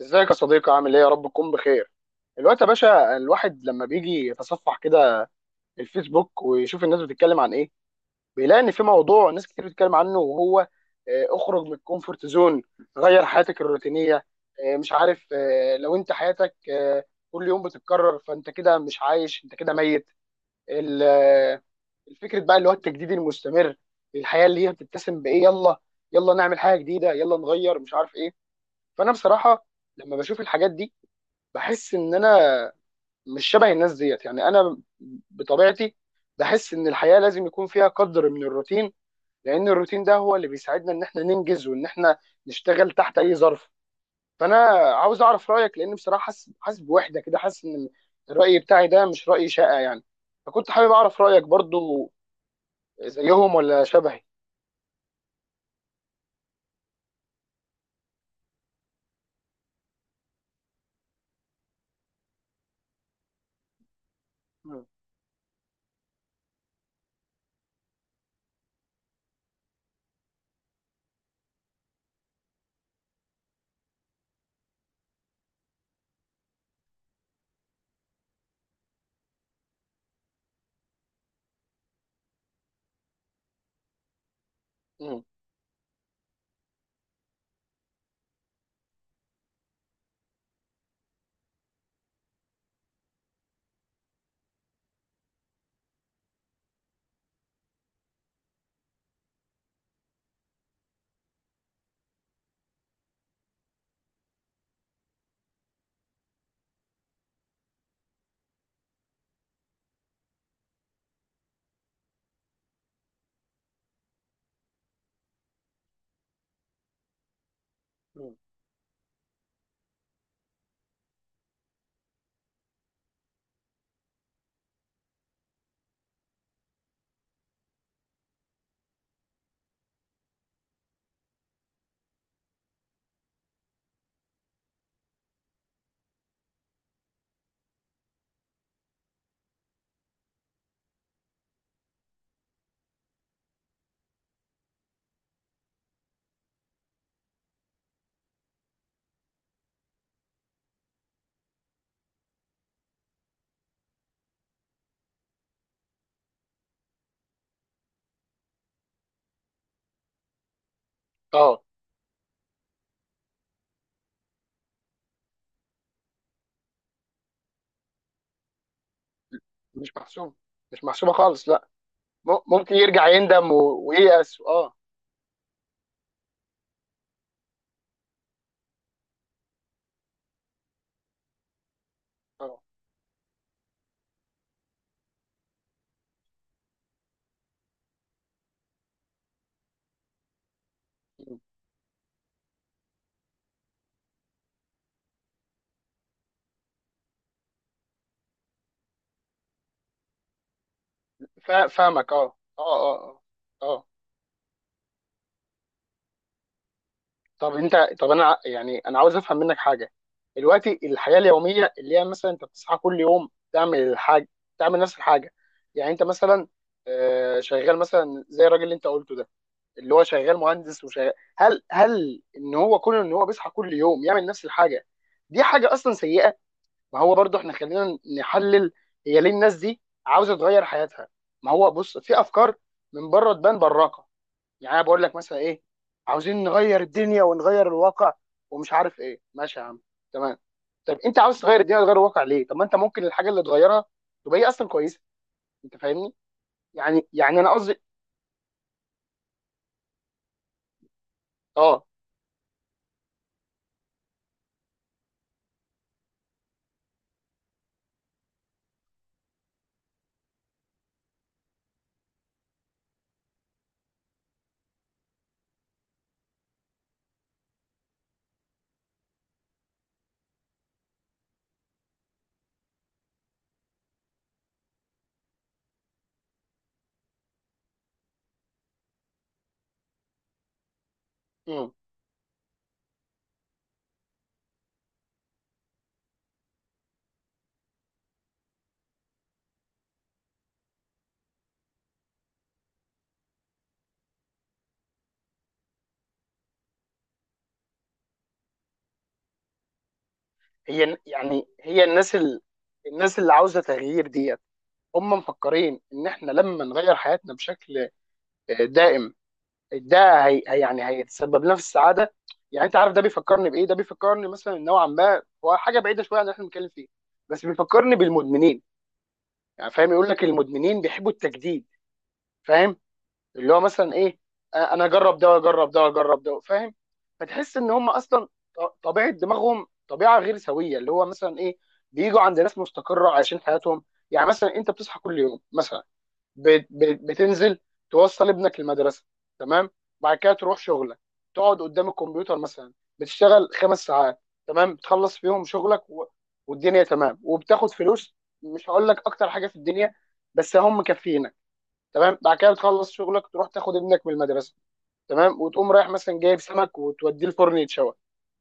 ازيك يا صديقي؟ عامل ايه؟ يا رب تكون بخير. الوقت يا باشا الواحد لما بيجي يتصفح كده الفيسبوك ويشوف الناس بتتكلم عن ايه، بيلاقي ان في موضوع ناس كتير بتتكلم عنه، وهو اخرج من الكومفورت زون، غير حياتك الروتينية. مش عارف، لو انت حياتك كل يوم بتتكرر، فانت كده مش عايش، انت كده ميت. ال- آه، الفكرة بقى اللي هو التجديد المستمر، الحياة اللي هي بتتسم بايه، يلا يلا نعمل حاجة جديدة، يلا نغير، مش عارف ايه. فانا بصراحة لما بشوف الحاجات دي بحس ان انا مش شبه الناس ديت، يعني انا بطبيعتي بحس ان الحياه لازم يكون فيها قدر من الروتين، لان الروتين ده هو اللي بيساعدنا ان احنا ننجز وان احنا نشتغل تحت اي ظرف. فانا عاوز اعرف رايك، لان بصراحه حاسس بوحده كده، حاسس ان الراي بتاعي ده مش راي شائع يعني، فكنت حابب اعرف رايك برضو. زيهم ولا شبهي؟ مم. مم. مم. اه. مش محسوب، مش محسوبه خالص لا. ممكن يرجع يندم وييأس، اه. اه. فاهمك، اه اه اه. اه آه. طب انت، طب يعني انا عاوز افهم منك حاجه. دلوقتي الحياه اليوميه اللي هي مثلا انت بتصحى كل يوم تعمل الحاجه، تعمل نفس الحاجه، يعني انت مثلا شغال مثلا زي الراجل اللي انت قلته ده، اللي هو شغال مهندس وشغال، هل ان هو كون ان هو بيصحى كل يوم يعمل نفس الحاجه، دي حاجه اصلا سيئه؟ ما هو برضو احنا خلينا نحلل، هي ليه الناس دي عاوزه تغير حياتها؟ ما هو بص، في افكار من بره تبان براقه، يعني انا بقول لك مثلا ايه، عاوزين نغير الدنيا ونغير الواقع ومش عارف ايه، ماشي يا عم، تمام. طب انت عاوز تغير الدنيا وتغير الواقع ليه؟ طب ما انت ممكن الحاجه اللي تغيرها تبقى هي اصلا كويسه، انت فاهمني؟ يعني يعني انا قصدي. اه. مم. هي يعني، هي الناس ال... الناس اللي عاوزه تغيير ديت، هم مفكرين ان احنا لما نغير حياتنا بشكل دائم، ده يعني هيتسبب لنا في السعاده. يعني انت عارف ده بيفكرني بايه؟ ده بيفكرني مثلا، نوعا ما هو حاجه بعيده شويه عن اللي احنا بنتكلم فيه، بس بيفكرني بالمدمنين. يعني فاهم، يقول لك المدمنين بيحبوا التجديد، فاهم؟ اللي هو مثلا ايه، انا اجرب ده واجرب ده واجرب ده، فاهم؟ فتحس ان هم اصلا طبيعه دماغهم طبيعه غير سويه، اللي هو مثلا ايه، بيجوا عند ناس مستقره عايشين حياتهم. يعني مثلا انت بتصحى كل يوم مثلا، بتنزل توصل ابنك المدرسه، تمام، بعد كده تروح شغلك، تقعد قدام الكمبيوتر مثلا، بتشتغل 5 ساعات تمام، بتخلص فيهم شغلك و... والدنيا تمام، وبتاخد فلوس، مش هقول لك اكتر حاجه في الدنيا بس هم مكفينك، تمام. بعد كده بتخلص شغلك، تروح تاخد ابنك من المدرسه، تمام، وتقوم رايح مثلا جايب سمك وتوديه الفرن يتشوى،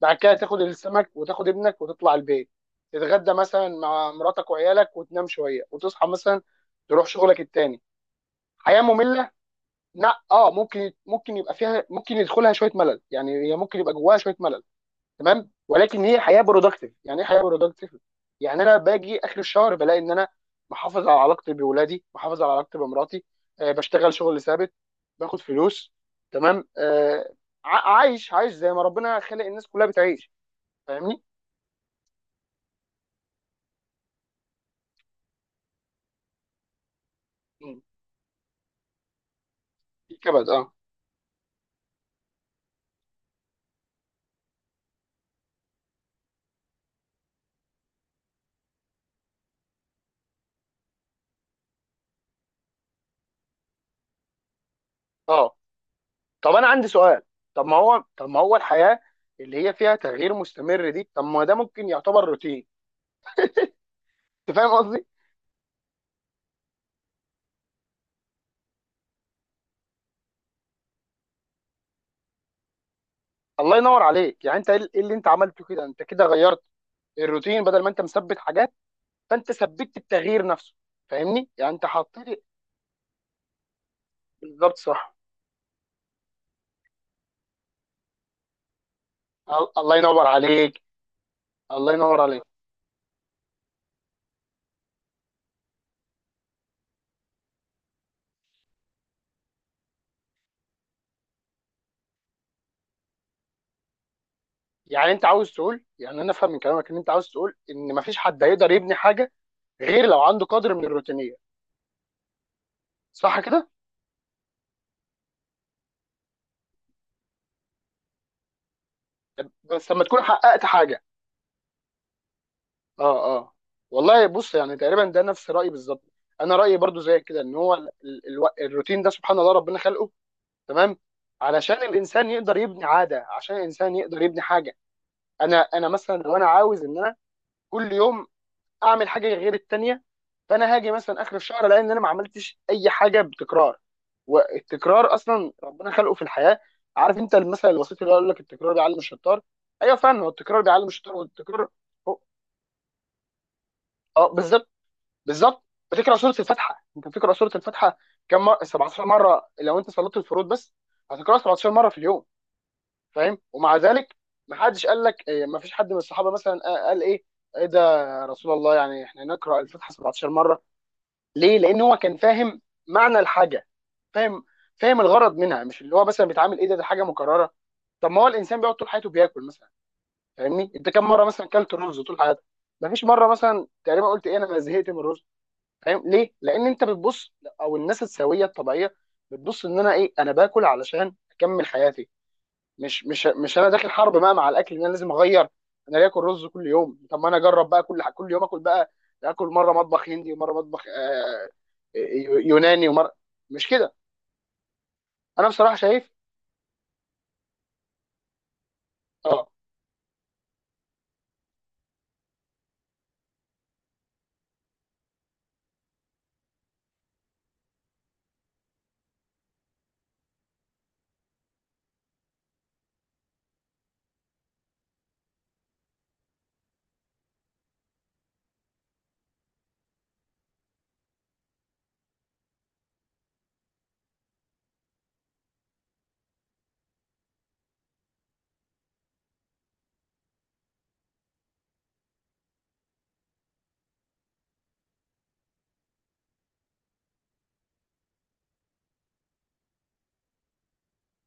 بعد كده تاخد السمك وتاخد ابنك وتطلع البيت، تتغدى مثلا مع مراتك وعيالك، وتنام شويه وتصحى مثلا تروح شغلك التاني. حياه ممله؟ لا، اه، ممكن ممكن يبقى فيها، ممكن يدخلها شويه ملل، يعني هي ممكن يبقى جواها شويه ملل تمام، ولكن هي حياه برودكتيف. يعني ايه حياه برودكتيف؟ يعني انا باجي اخر الشهر بلاقي ان انا محافظ على علاقتي بولادي، محافظ على علاقتي بمراتي، آه بشتغل شغل ثابت، باخد فلوس، تمام آه، عايش، عايش زي ما ربنا خلق الناس كلها بتعيش، فاهمني؟ مم. في كبد، اه. اه طب انا عندي سؤال، طب ما هو، طب ما هو الحياه اللي هي فيها تغيير مستمر دي، طب ما ده ممكن يعتبر روتين، انت فاهم قصدي؟ الله ينور عليك، يعني انت ايه اللي انت عملته كده؟ انت كده غيرت الروتين، بدل ما انت مثبت حاجات، فانت ثبتت التغيير نفسه، فاهمني؟ يعني انت حطيت. بالظبط، صح. الله ينور عليك، الله ينور عليك. يعني انت عاوز تقول، يعني انا افهم من كلامك ان انت عاوز تقول ان مفيش حد هيقدر يبني حاجه غير لو عنده قدر من الروتينيه، صح كده؟ بس لما تكون حققت حاجه، اه اه. والله بص، يعني تقريبا ده نفس رايي بالظبط، انا رايي برضو زي كده، ان هو الروتين ده سبحان الله ربنا خلقه، تمام، علشان الانسان يقدر يبني عاده، عشان الانسان يقدر يبني حاجه. انا مثلا لو انا عاوز ان انا كل يوم اعمل حاجه غير التانيه، فانا هاجي مثلا اخر الشهر الاقي ان انا ما عملتش اي حاجه بتكرار. والتكرار اصلا ربنا خلقه في الحياه، عارف انت المثل الوسيط اللي يقول لك التكرار بيعلم الشطار، ايوه فعلا، هو التكرار بيعلم الشطار، والتكرار هو- اه بالظبط، بالظبط. بتقرا سوره الفاتحه، انت بتقرا سوره الفاتحه كم مره؟ 17 مره لو انت صليت الفروض بس، هتقراها 17 مره في اليوم، فاهم؟ ومع ذلك ما حدش قال لك ما فيش حد من الصحابه مثلا قال ايه، ايه ده يا رسول الله، يعني احنا نقرا الفاتحه 17 مره! ليه؟ لان هو كان فاهم معنى الحاجه، فاهم؟ فاهم الغرض منها، مش اللي هو مثلا بيتعامل ايه ده، ده حاجه مكرره. طب ما هو الانسان بيقعد طول حياته بياكل مثلا، فاهمني؟ انت كم مره مثلا اكلت رز طول حياتك؟ ما فيش مره مثلا تقريبا قلت ايه انا زهقت من الرز، فاهم ليه؟ لان انت بتبص، او الناس السويه الطبيعيه بتبص ان انا ايه، انا باكل علشان اكمل حياتي، مش مش مش انا داخل حرب بقى مع الاكل ان انا لازم اغير، انا ليه اكل رز كل يوم، طب ما انا اجرب بقى، كل يوم اكل بقى، اكل مره مطبخ هندي، ومره مطبخ يوناني، ومره، مش كده. انا بصراحه شايف، اه،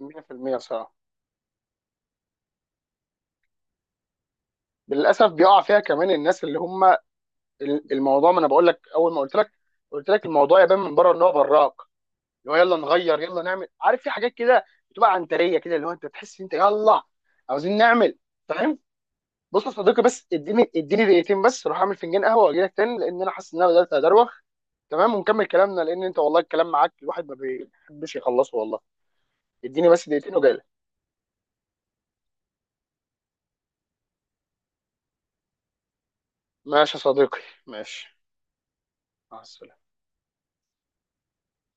100% بصراحه، للاسف بيقع فيها كمان الناس اللي هم، الموضوع، ما انا بقول لك اول ما قلت لك، قلت لك الموضوع يبان من بره ان هو براك، اللي هو يلا نغير يلا نعمل، عارف في حاجات كده بتبقى عنتريه كده، اللي هو انت تحس إن انت يلا عاوزين نعمل، فاهم؟ بص يا صديقي، بس اديني 2 دقيقة بس، اروح اعمل فنجان قهوه واجي لك تاني، لان انا حاسس ان انا بدات ادروخ، تمام، ونكمل كلامنا، لان انت والله الكلام معاك الواحد ما بيحبش يخلصه، والله اديني بس 2 دقيقة وجاي لك. ماشي يا صديقي، ماشي. مع السلامه.